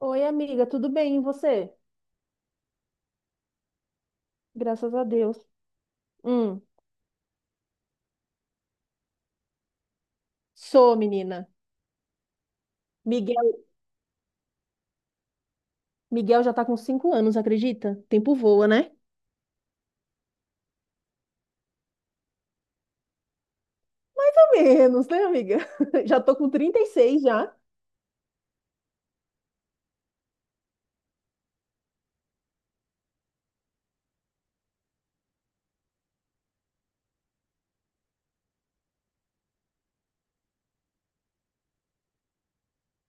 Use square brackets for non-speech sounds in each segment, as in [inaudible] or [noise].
Oi, amiga, tudo bem? E você? Graças a Deus. Hum, Sou menina. Miguel, Miguel já tá com 5 anos, acredita? Tempo voa, né? Pelo menos, né, amiga? [laughs] Já tô com 36 já.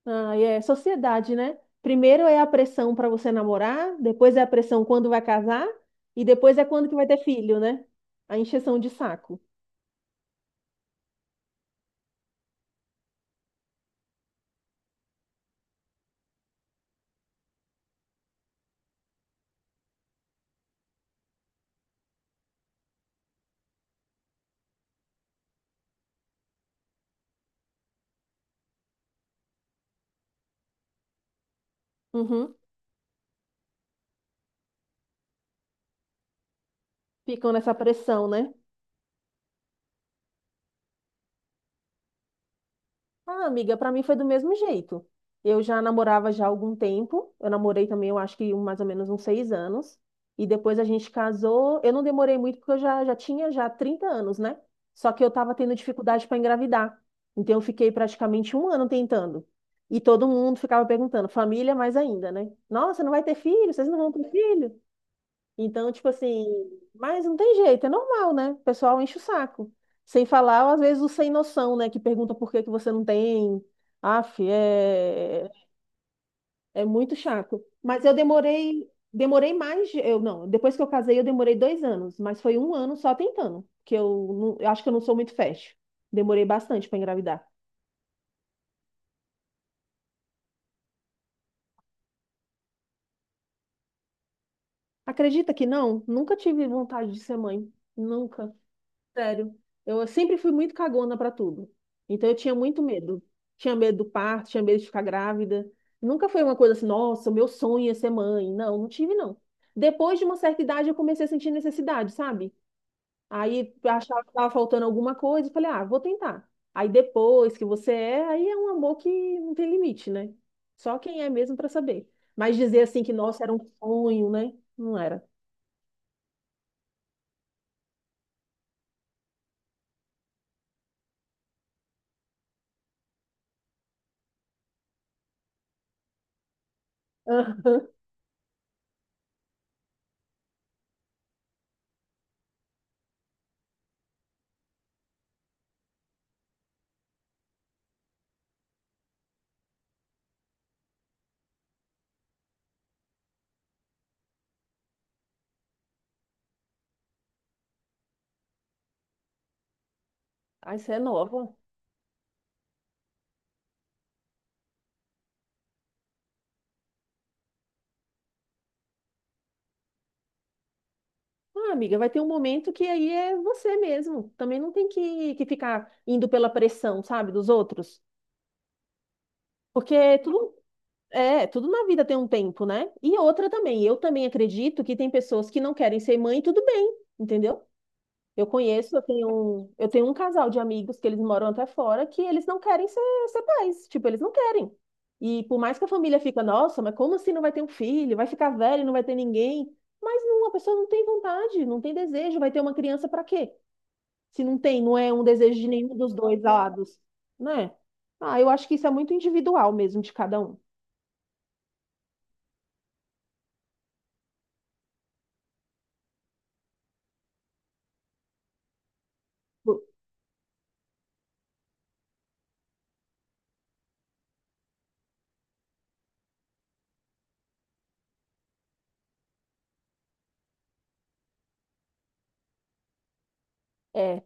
Ah, é sociedade, né? Primeiro é a pressão pra você namorar, depois é a pressão quando vai casar e depois é quando que vai ter filho, né? A encheção de saco. Uhum. Ficam nessa pressão, né? Ah, amiga, pra mim foi do mesmo jeito. Eu já namorava já há algum tempo. Eu namorei também, eu acho que mais ou menos uns 6 anos. E depois a gente casou. Eu não demorei muito porque eu já tinha já 30 anos, né? Só que eu tava tendo dificuldade para engravidar. Então eu fiquei praticamente um ano tentando. E todo mundo ficava perguntando, família mais ainda, né? Nossa, não vai ter filho? Vocês não vão ter filho? Então, tipo assim, mas não tem jeito, é normal, né? O pessoal enche o saco. Sem falar, às vezes, o sem noção, né? Que pergunta por que que você não tem. Aff, é muito chato. Mas eu demorei mais, de- eu não, depois que eu casei, eu demorei 2 anos, mas foi um ano só tentando, que eu acho que eu não sou muito fértil. Demorei bastante para engravidar. Acredita que não? Nunca tive vontade de ser mãe. Nunca. Sério. Eu sempre fui muito cagona pra tudo. Então eu tinha muito medo. Tinha medo do parto, tinha medo de ficar grávida. Nunca foi uma coisa assim, nossa, o meu sonho é ser mãe. Não, não tive, não. Depois de uma certa idade, eu comecei a sentir necessidade, sabe? Aí eu achava que estava faltando alguma coisa e falei, ah, vou tentar. Aí depois que você é, aí é um amor que não tem limite, né? Só quem é mesmo pra saber. Mas dizer assim que, nossa, era um sonho, né? Não era. [laughs] Aí você é nova. Ah, amiga, vai ter um momento que aí é você mesmo. Também não tem que ficar indo pela pressão, sabe, dos outros. Porque tudo na vida tem um tempo, né? E outra também, eu também acredito que tem pessoas que não querem ser mãe, e tudo bem, entendeu? Eu conheço, eu tenho um casal de amigos que eles moram até fora que eles não querem ser pais, tipo, eles não querem. E por mais que a família fica, nossa, mas como assim não vai ter um filho? Vai ficar velho, e não vai ter ninguém. Mas não, a pessoa não tem vontade, não tem desejo, vai ter uma criança para quê? Se não tem, não é um desejo de nenhum dos dois lados, né? Ah, eu acho que isso é muito individual mesmo de cada um. Bu- É,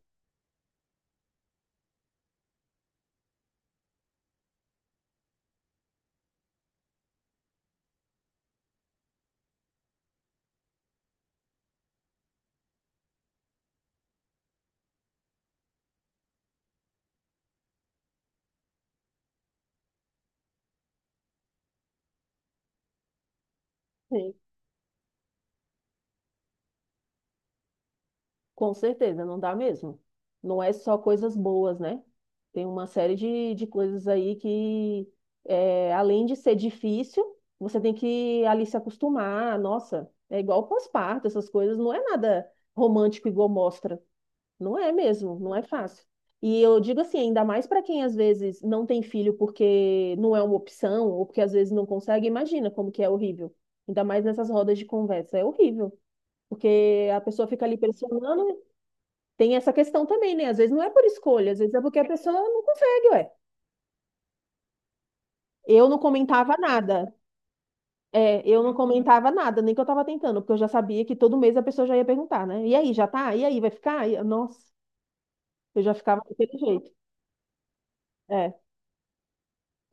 sim, com certeza, não dá mesmo. Não é só coisas boas, né? Tem uma série de coisas aí que, além de ser difícil, você tem que ali se acostumar. Nossa, é igual pós-parto, essas coisas, não é nada romântico igual mostra. Não é mesmo, não é fácil. E eu digo assim, ainda mais para quem às vezes não tem filho porque não é uma opção, ou porque às vezes não consegue, imagina como que é horrível. Ainda mais nessas rodas de conversa, é horrível. Porque a pessoa fica ali pressionando, tem essa questão também, né? Às vezes não é por escolha, às vezes é porque a pessoa não consegue, ué. Eu não comentava nada. É, eu não comentava nada, nem que eu tava tentando, porque eu já sabia que todo mês a pessoa já ia perguntar, né? E aí, já tá? E aí, vai ficar? Nossa, eu já ficava daquele jeito. É.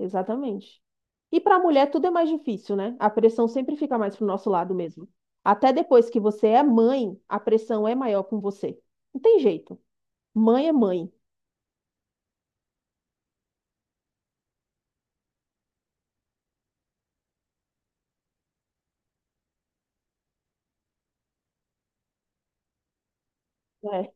Exatamente. E para a mulher tudo é mais difícil, né? A pressão sempre fica mais pro nosso lado mesmo. Até depois que você é mãe, a pressão é maior com você. Não tem jeito. Mãe é mãe. Né?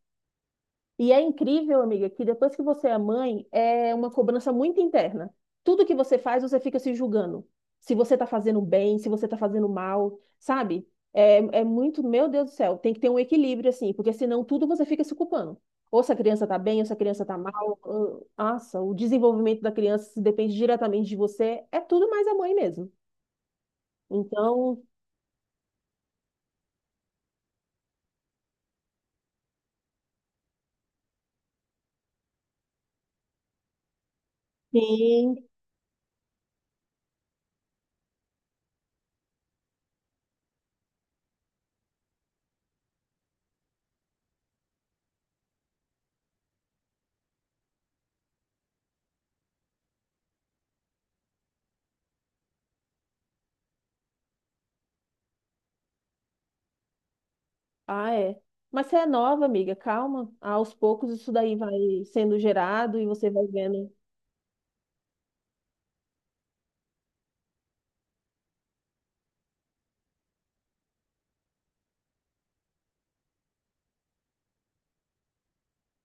E é incrível, amiga, que depois que você é mãe, é uma cobrança muito interna. Tudo que você faz, você fica se julgando. Se você tá fazendo bem, se você tá fazendo mal, sabe? É muito, meu Deus do céu, tem que ter um equilíbrio, assim, porque senão tudo você fica se culpando. Ou se a criança tá bem, ou se a criança tá mal. Nossa, o desenvolvimento da criança se depende diretamente de você. É tudo mais a mãe mesmo. Então, sim. Ah, é. Mas você é nova, amiga, calma. Aos poucos isso daí vai sendo gerado e você vai vendo.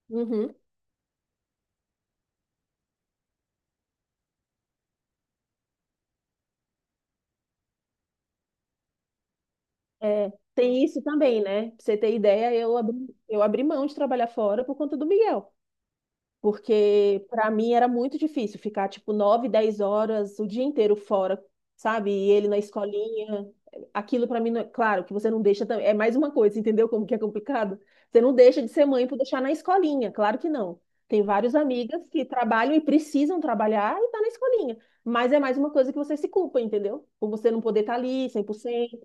Uhum. É, tem isso também, né? Pra você ter ideia, eu abri mão de trabalhar fora por conta do Miguel. Porque para mim era muito difícil ficar tipo 9 10 horas o dia inteiro fora, sabe? E ele na escolinha. Aquilo para mim, não é... claro, que você não deixa, é mais uma coisa, entendeu como que é complicado? Você não deixa de ser mãe por deixar na escolinha, claro que não. Tem vários amigas que trabalham e precisam trabalhar e tá na escolinha, mas é mais uma coisa que você se culpa, entendeu? Por você não poder estar ali 100%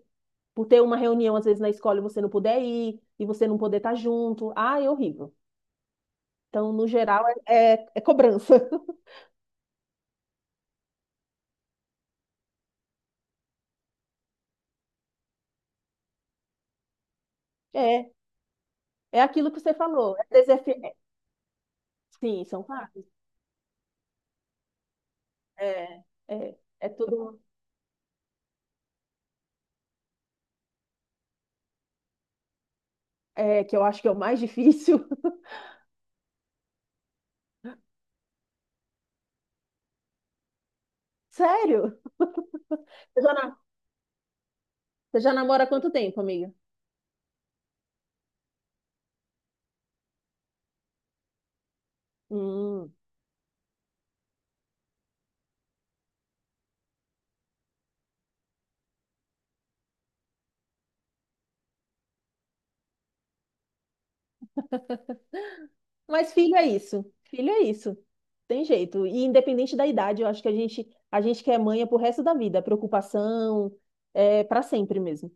por ter uma reunião às vezes na escola e você não puder ir, e você não poder estar junto. Ah, é horrível. Então, no geral, é cobrança. [laughs] É, é aquilo que você falou. É. Sim, são fatos. É, é, é tudo é, que eu acho que é o mais difícil. [laughs] Sério? Você já, na- Você já namora há quanto tempo, amiga? Hum. Mas filho é isso. Filho é isso. Tem jeito. E independente da idade, eu acho que a gente quer manha pro resto da vida. Preocupação, para sempre mesmo.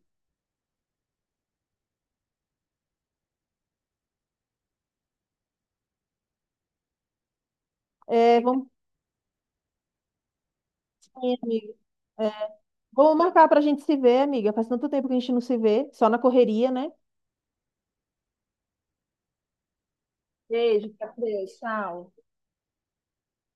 É, vamos. Sim, amiga. É, vamos marcar pra gente se ver, amiga. Faz tanto tempo que a gente não se vê, só na correria, né? Beijo, fica com Deus. Tchau.